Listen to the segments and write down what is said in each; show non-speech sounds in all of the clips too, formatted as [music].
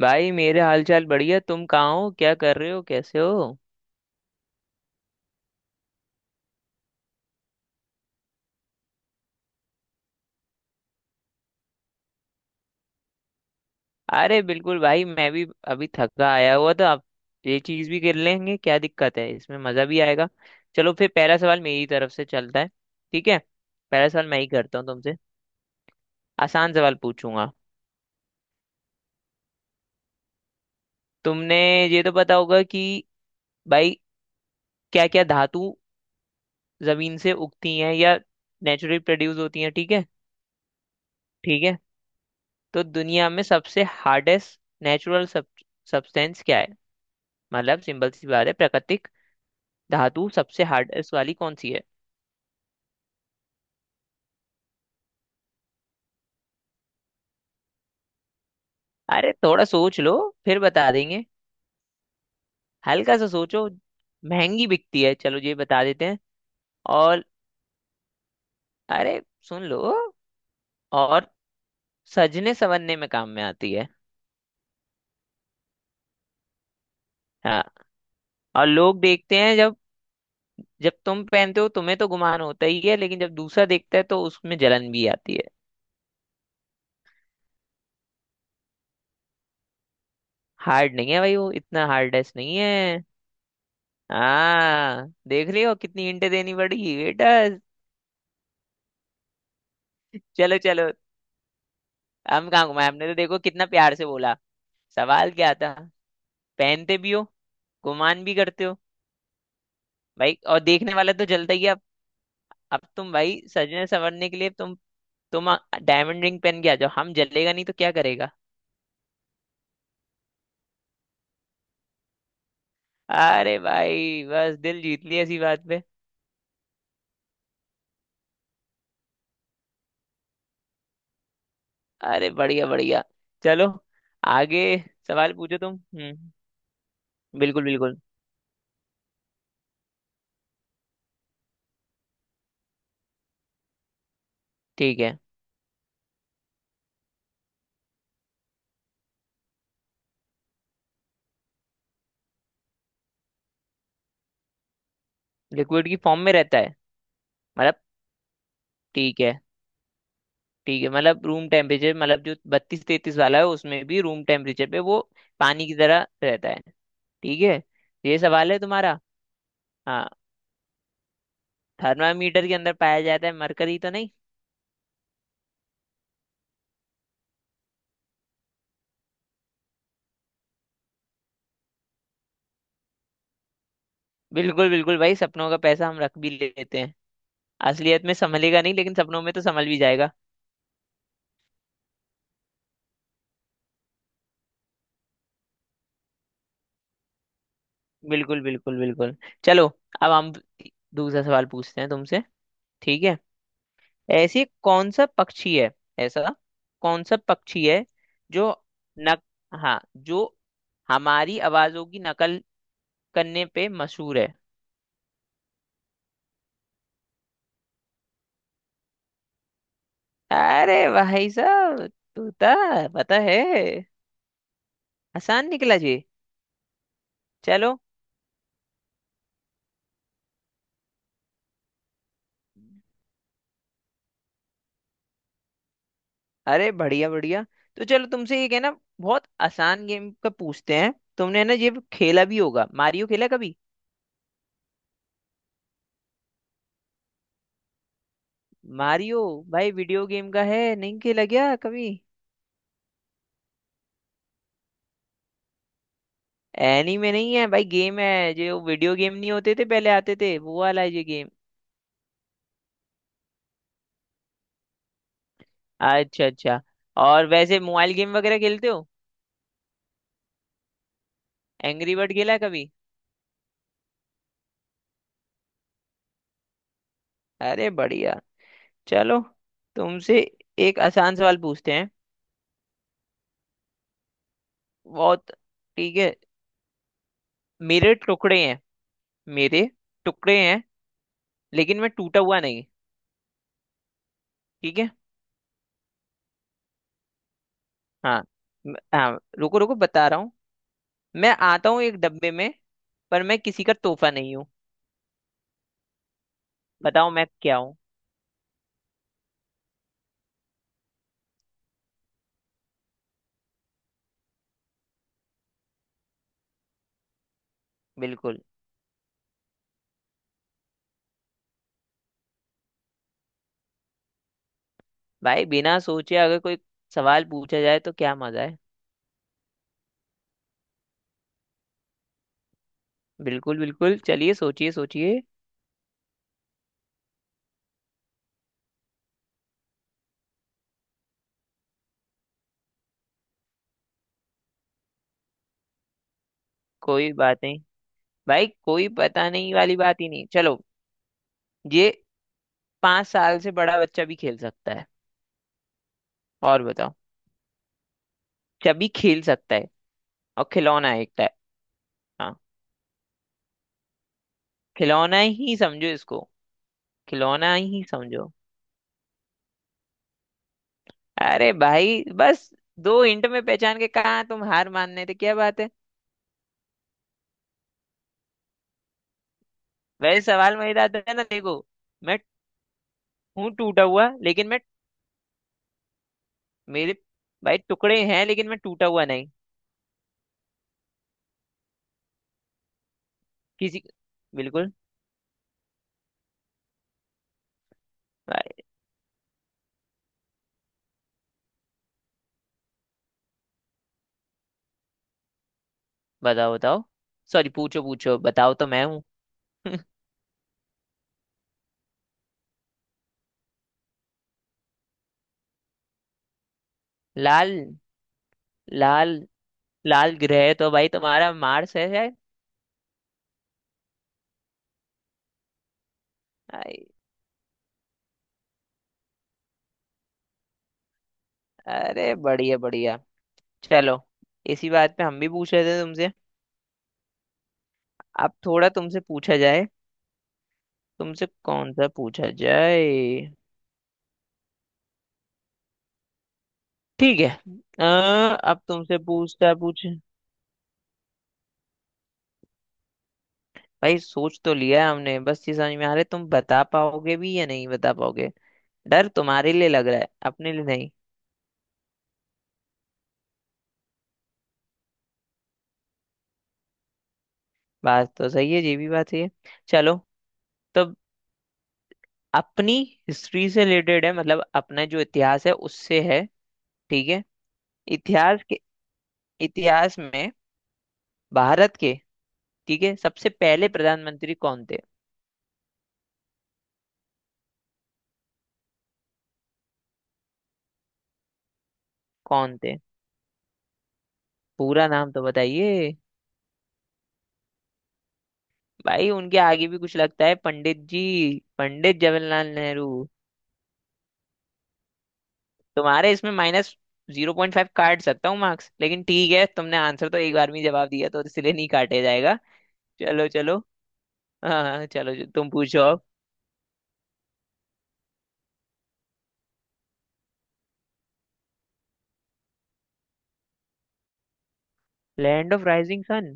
भाई मेरे हालचाल बढ़िया। तुम कहाँ हो, क्या कर रहे हो, कैसे हो? अरे बिल्कुल भाई, मैं भी अभी थका आया हुआ था। आप ये चीज भी कर लेंगे, क्या दिक्कत है इसमें, मजा भी आएगा। चलो फिर पहला सवाल मेरी तरफ से चलता है। ठीक है, पहला सवाल मैं ही करता हूँ तुमसे, आसान सवाल पूछूंगा। तुमने ये तो पता होगा कि भाई, क्या क्या धातु जमीन से उगती हैं या नेचुरली प्रोड्यूस होती हैं, ठीक है? ठीक है, तो दुनिया में सबसे हार्डेस्ट नेचुरल सब्सटेंस क्या है? मतलब सिंपल सी बात है, प्राकृतिक धातु सबसे हार्डेस्ट वाली कौन सी है? अरे थोड़ा सोच लो, फिर बता देंगे। हल्का सा सोचो, महंगी बिकती है, चलो ये बता देते हैं। और, अरे सुन लो, और सजने संवरने में काम में आती है। हाँ, और लोग देखते हैं, जब जब तुम पहनते हो तुम्हें तो गुमान होता ही है, लेकिन जब दूसरा देखता है तो उसमें जलन भी आती है। हार्ड नहीं है भाई, वो इतना हार्डेस्ट नहीं है। हाँ देख लियो, कितनी इंटें देनी पड़ी बेटा। चलो चलो, हम कहाँ घुमाए, हमने तो देखो कितना प्यार से बोला। सवाल क्या था? पहनते भी हो, गुमान भी करते हो, भाई और देखने वाला तो जलता ही है। अब तुम भाई सजने संवरने के लिए तुम डायमंड रिंग पहन के आ जाओ, हम जलेगा नहीं तो क्या करेगा? अरे भाई, बस दिल जीत लिया इसी बात पे। अरे बढ़िया बढ़िया। चलो, आगे सवाल पूछो तुम। हम्म, बिल्कुल बिल्कुल। ठीक है, लिक्विड की फॉर्म में रहता है मतलब? ठीक है ठीक है, मतलब रूम टेम्परेचर, मतलब जो 32-33 वाला है, उसमें भी रूम टेम्परेचर पे वो पानी की तरह रहता है। ठीक है, ये सवाल है तुम्हारा? हाँ, थर्मामीटर के अंदर पाया जाता है मरकरी तो नहीं? बिल्कुल बिल्कुल भाई, सपनों का पैसा हम रख भी लेते हैं। असलियत में संभलेगा नहीं, लेकिन सपनों में तो संभल भी जाएगा। बिल्कुल बिल्कुल बिल्कुल। चलो, अब हम दूसरा सवाल पूछते हैं तुमसे, ठीक है? ऐसी कौन सा पक्षी है, ऐसा कौन सा पक्षी है जो नक हाँ, जो हमारी आवाजों की नकल करने पे मशहूर है? अरे भाई साहब, तोता, पता है, आसान निकला जी। चलो, अरे बढ़िया बढ़िया। तो चलो तुमसे एक है ना, बहुत आसान गेम का पूछते हैं, तुमने है ना ये खेला भी होगा, मारियो खेला कभी? मारियो भाई, वीडियो गेम का है, नहीं खेला क्या कभी? एनीमे नहीं है भाई, गेम है, जो वीडियो गेम नहीं होते थे पहले आते थे, वो वाला है ये गेम। अच्छा अच्छा। और वैसे मोबाइल गेम वगैरह खेलते हो? एंग्री बर्ड खेला है कभी? अरे बढ़िया। चलो तुमसे एक आसान सवाल पूछते हैं, बहुत। ठीक है, मेरे टुकड़े हैं, मेरे टुकड़े हैं, लेकिन मैं टूटा हुआ नहीं। ठीक है, हाँ, हाँ रुको रुको, बता रहा हूँ। मैं आता हूँ एक डब्बे में, पर मैं किसी का तोहफा नहीं हूँ। बताओ मैं क्या हूँ? बिल्कुल। भाई, बिना सोचे अगर कोई सवाल पूछा जाए तो क्या मजा है? बिल्कुल बिल्कुल, चलिए सोचिए सोचिए। कोई बात नहीं भाई, कोई पता नहीं वाली बात ही नहीं। चलो, ये 5 साल से बड़ा बच्चा भी खेल सकता है। और बताओ, सभी खेल सकता है, और खिलौना है एक टाइप। हाँ, खिलौना ही समझो इसको, खिलौना ही समझो। अरे भाई बस, 2 हिंट में पहचान के कहाँ तुम हार मानने थे, क्या बात है। वैसे सवाल मेरा था ना, देखो, मैं हूँ टूटा हुआ, लेकिन मैं, मेरे भाई टुकड़े हैं, लेकिन मैं टूटा हुआ नहीं, किसी। बिल्कुल। भाई बताओ बताओ, सॉरी पूछो पूछो, बताओ तो, मैं हूँ। [laughs] लाल, लाल, लाल ग्रह तो भाई तुम्हारा मार्स है शायद। आई- अरे बढ़िया बढ़िया। चलो, इसी बात पे हम भी पूछ रहे थे तुमसे। अब थोड़ा तुमसे पूछा जाए, तुमसे कौन सा पूछा जाए। ठीक है, अ, अब तुमसे पूछ। भाई सोच तो लिया है हमने, बस ये समझ में आ रहा है तुम बता पाओगे भी या नहीं बता पाओगे, डर तुम्हारे लिए लग रहा है, अपने लिए नहीं। बात तो सही है, ये भी बात सही है। चलो, तो अपनी हिस्ट्री से रिलेटेड है, मतलब अपना जो इतिहास है उससे है, ठीक है? इतिहास के, इतिहास में भारत के, ठीक है, सबसे पहले प्रधानमंत्री कौन थे? कौन थे? पूरा नाम तो बताइए। भाई उनके आगे भी कुछ लगता है, पंडित जी, पंडित जवाहरलाल नेहरू। तुम्हारे इसमें माइनस 0.5 काट सकता हूँ मार्क्स, लेकिन ठीक है, तुमने आंसर तो एक बार में ही जवाब दिया, तो इसलिए नहीं काटे जाएगा। चलो चलो। हाँ हाँ चलो, तुम पूछो अब। लैंड ऑफ राइजिंग सन,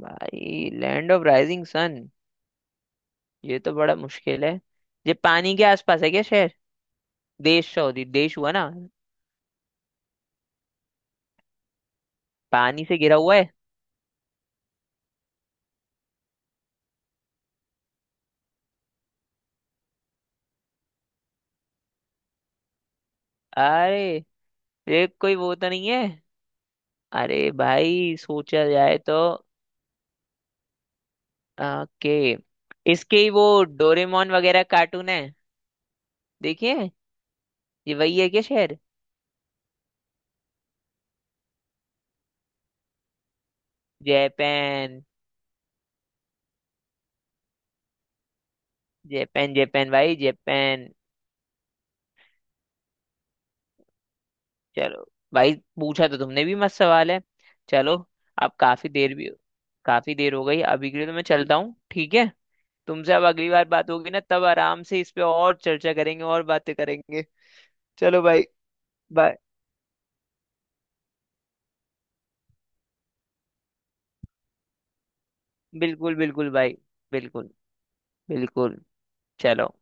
भाई लैंड ऑफ राइजिंग सन, ये तो बड़ा मुश्किल है। ये पानी के आसपास है क्या शहर, देश, सॉरी देश हुआ ना? पानी से घिरा हुआ है? अरे ये कोई वो तो नहीं है, अरे भाई सोचा जाए तो के इसके ही वो डोरेमोन वगैरह कार्टून है देखिए, ये वही है क्या शहर? जापान, जापान जापान भाई जापान। चलो भाई, पूछा तो तुमने भी मस्त सवाल है। चलो, अब काफी देर भी, काफी देर हो गई, अभी के लिए तो मैं चलता हूँ, ठीक है? तुमसे अब अगली बार बात होगी ना, तब आराम से इस पे और चर्चा करेंगे और बातें करेंगे। चलो भाई, बाय। बिल्कुल बिल्कुल भाई, बिल्कुल। बिल्कुल, चलो,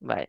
bye।